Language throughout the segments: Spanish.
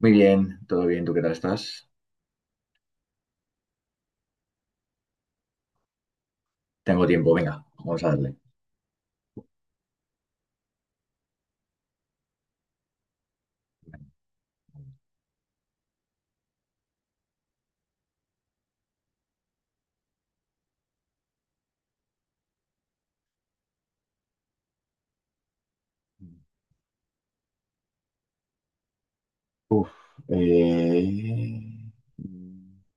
Muy bien, todo bien, ¿tú qué tal estás? Tengo tiempo, venga, vamos a darle. Uf, eh,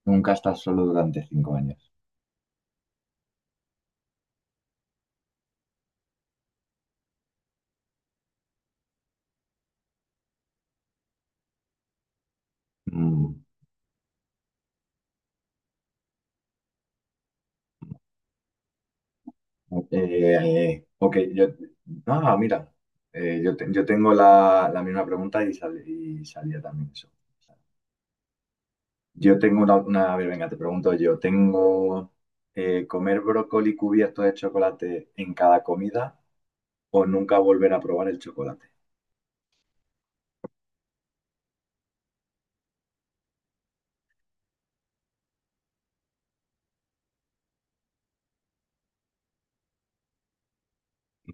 nunca estás solo durante 5 años. Mm, ok, yo. Ah, mira, yo tengo la misma pregunta y, y salía también eso. Yo tengo a ver, venga, te pregunto yo. ¿Tengo comer brócoli cubierto de chocolate en cada comida o nunca volver a probar el chocolate?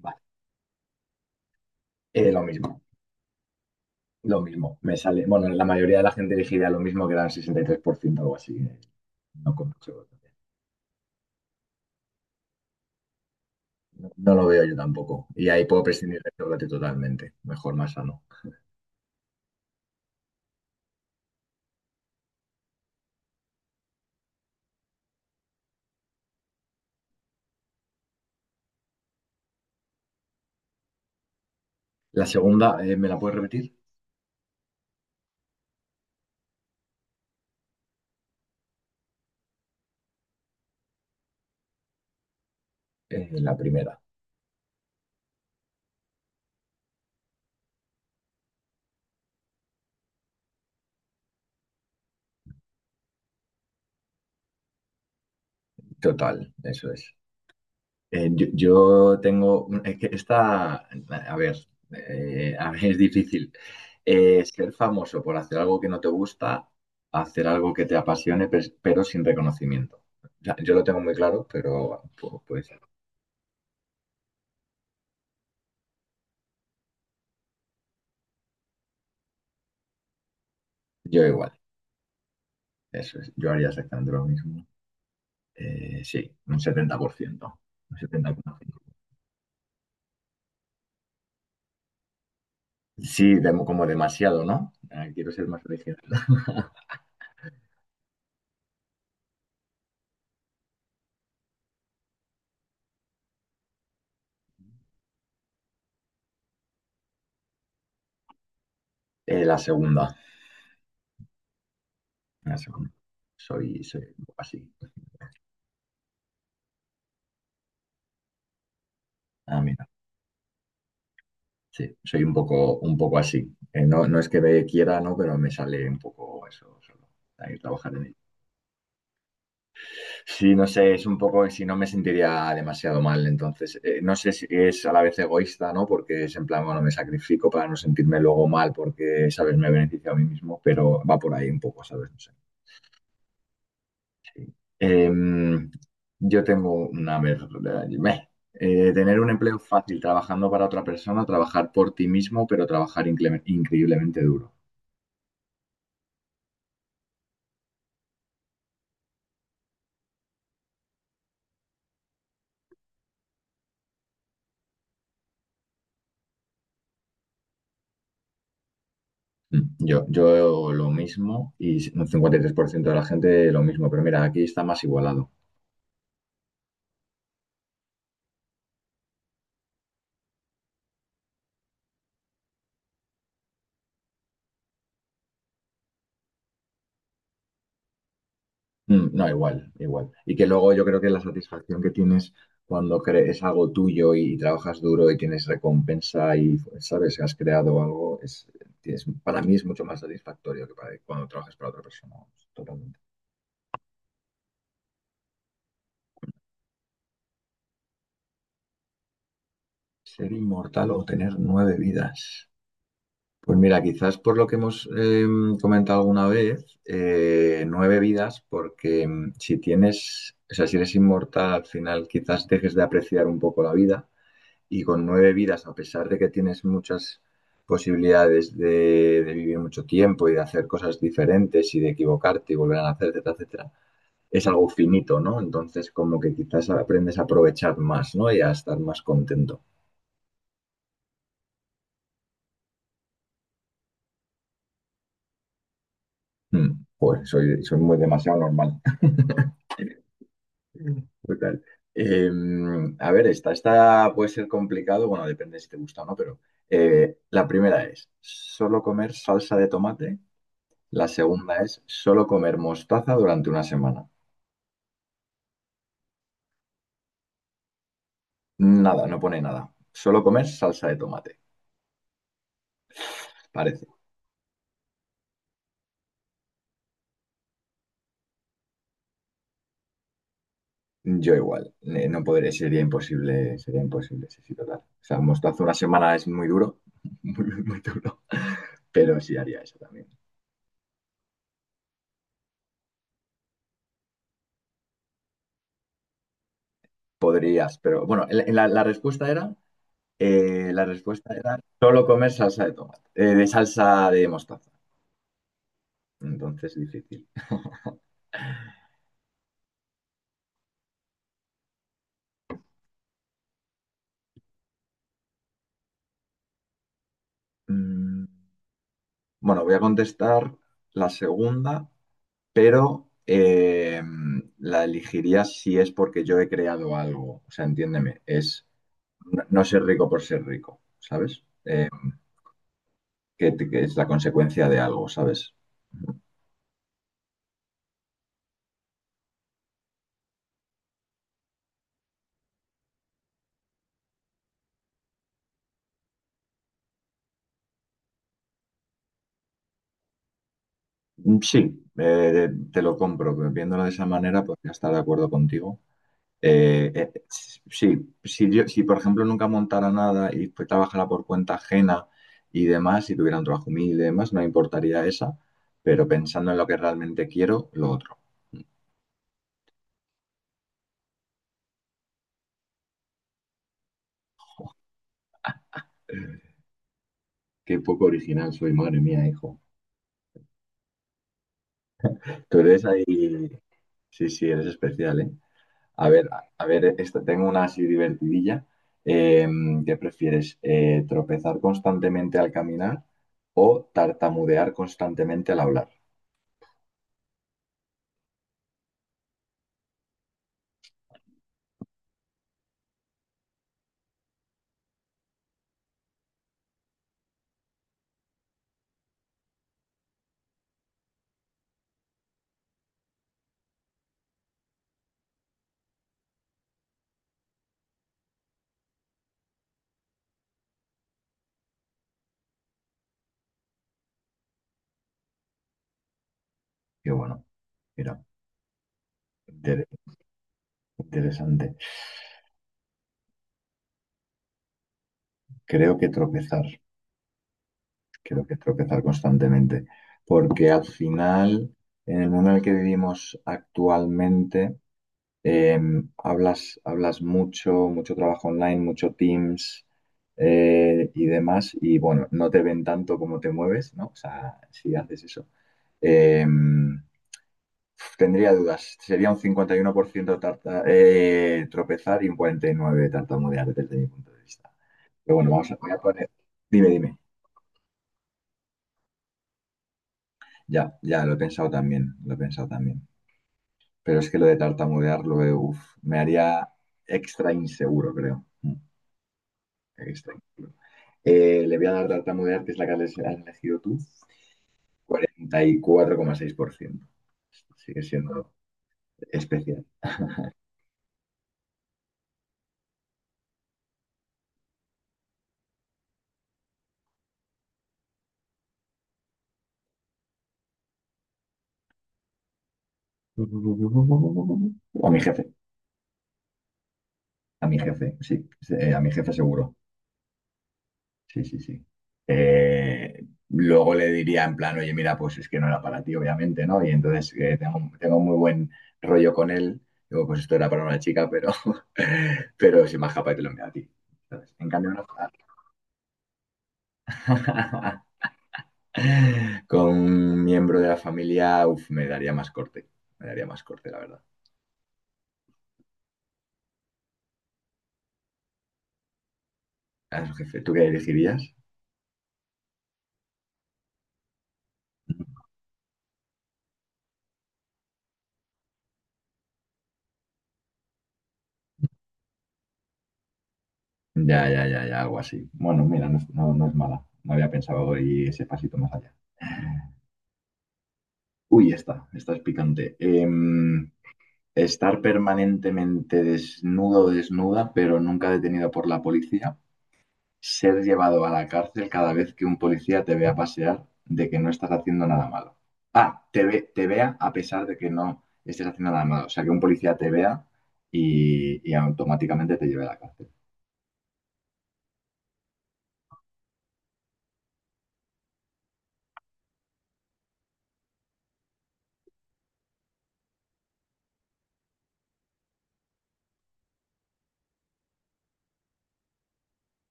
Vale, lo mismo. Lo mismo, me sale. Bueno, la mayoría de la gente elegiría lo mismo que era el 63% o algo así. No, con- no, no lo veo yo tampoco. Y ahí puedo prescindir del chocolate totalmente. Mejor, más sano. La segunda, ¿me la puedes repetir? La primera. Total, eso es. Yo tengo. Es que esta. A ver, es difícil. Ser famoso por hacer algo que no te gusta, hacer algo que te apasione, pero sin reconocimiento. O sea, yo lo tengo muy claro, pero pues. Yo igual, eso es. Yo haría exactamente lo mismo. Sí, un 70%. Un 70,5%. Sí, como demasiado, ¿no? Quiero ser más original. La segunda. La segunda. Soy un poco así. Ah, mira. Sí, soy un poco así. No, no es que me quiera, ¿no? Pero me sale un poco eso solo. Hay que trabajar en ello. Sí, no sé, es un poco, si no me sentiría demasiado mal, entonces, no sé si es a la vez egoísta, ¿no? Porque es en plan, bueno, me sacrifico para no sentirme luego mal porque, ¿sabes? Me beneficio a mí mismo, pero va por ahí un poco, ¿sabes? No sé. Sí. Em, yo tengo una. Meh. Tener un empleo fácil trabajando para otra persona, trabajar por ti mismo, pero trabajar increíblemente duro. Yo lo mismo y un 53% de la gente lo mismo, pero mira, aquí está más igualado. No, igual, igual. Y que luego yo creo que la satisfacción que tienes cuando crees algo tuyo y, trabajas duro y tienes recompensa y sabes que has creado algo, es, para mí es mucho más satisfactorio que para, cuando trabajas para otra persona. Totalmente. ¿Ser inmortal o tener nueve vidas? Pues mira, quizás por lo que hemos comentado alguna vez, nueve vidas, porque si tienes, o sea, si eres inmortal al final quizás dejes de apreciar un poco la vida y con nueve vidas, a pesar de que tienes muchas posibilidades de vivir mucho tiempo y de hacer cosas diferentes y de equivocarte y volver a hacer, etcétera, etcétera, es algo finito, ¿no? Entonces, como que quizás aprendes a aprovechar más, ¿no? Y a estar más contento. Pues soy muy demasiado normal. Total. Eh, a ver, esta puede ser complicado, bueno, depende si te gusta o no, pero la primera es, ¿solo comer salsa de tomate? La segunda es solo comer mostaza durante una semana. Nada, no pone nada. Solo comer salsa de tomate, parece. Yo igual, no podré, sería imposible, sí, sí, total. O sea, mostaza una semana es muy duro, muy, muy, muy duro, pero sí haría eso también. Podrías, pero bueno, la respuesta era solo comer salsa de tomate, de salsa de mostaza. Entonces, difícil. Mm, Bueno, voy a contestar la segunda, pero la elegiría si es porque yo he creado algo. O sea, entiéndeme, es no, no ser rico por ser rico, ¿sabes? Que es la consecuencia de algo, ¿sabes? Mm, sí, te lo compro, pero viéndolo de esa manera podría estar de acuerdo contigo. Sí, si yo, si por ejemplo nunca montara nada y pues trabajara por cuenta ajena y demás, si tuviera un trabajo humilde y demás, no me importaría esa, pero pensando en lo que realmente quiero, lo otro. Qué poco original soy, madre mía, hijo. Tú eres ahí. Sí, sí, eres especial, ¿eh? A ver, esta, tengo una así divertidilla. Eh, ¿Qué prefieres? ¿Tropezar constantemente al caminar o tartamudear constantemente al hablar? Qué bueno. Mira, inter- interesante. Creo que tropezar, creo que tropezar constantemente, porque al final, en el mundo en el que vivimos actualmente, Eh, hablas, mucho, mucho trabajo online, mucho Teams y demás. Y bueno, no te ven tanto como te mueves, ¿no? O sea, si haces eso. Eh, Tendría dudas. Sería un 51% tropezar y un 49% tartamudear desde mi punto de vista. Pero bueno, voy a poner. Dime, dime. Ya, ya, lo he pensado también, lo he pensado también. Pero es que lo de tartamudear, me haría extra inseguro, creo. Mm. Extra. Le voy a dar tartamudear, que es la que has elegido tú, 44,6%. Sigue siendo especial. O a mi jefe, sí, sí, a mi jefe seguro. Sí, sí, sí. Luego le diría en plan, oye, mira, pues es que no era para ti, obviamente, ¿no? Y entonces tengo muy buen rollo con él. Digo, pues esto era para una chica, pero, pero soy más capaz y te lo envío a ti. ¿Sabes? En cambio, no. Con un miembro de la familia, uf, me daría más corte. Me daría más corte, la verdad. A su jefe, ¿tú qué elegirías? Ya, ya, ya, ya, algo así. Bueno, mira, no es, no, no es mala. No había pensado ir ese pasito más allá. Uy, esta es picante. Estar permanentemente desnudo o desnuda, pero nunca detenido por la policía. Ser llevado a la cárcel cada vez que un policía te vea pasear de que no estás haciendo nada malo. Ah, te vea a pesar de que no estés haciendo nada malo. O sea, que un policía te vea y automáticamente te lleve a la cárcel.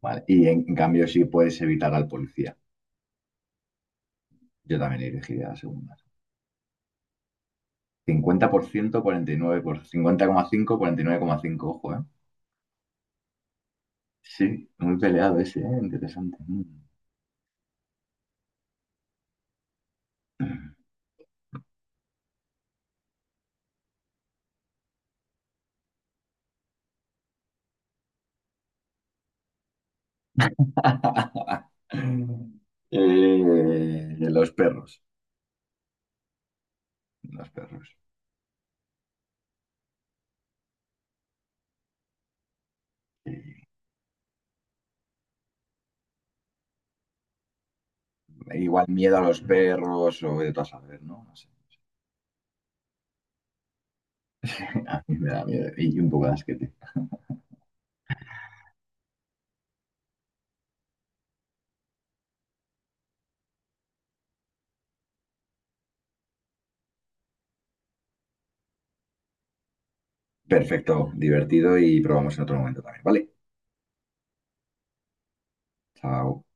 Vale. Y en cambio sí puedes evitar al policía. Yo también elegiría la segunda. Cincuenta cincuenta por ciento, 49 por 50,5, 50%, 9,5. Ojo, ¿eh? Sí, muy peleado ese, ¿eh? Interesante. Mm. Los perros, los perros. Eh, Igual miedo a los perros o de todas saber, ¿no? No sé. A mí me da miedo y un poco de asquete. Perfecto, divertido y probamos en otro momento también, ¿vale? Chao.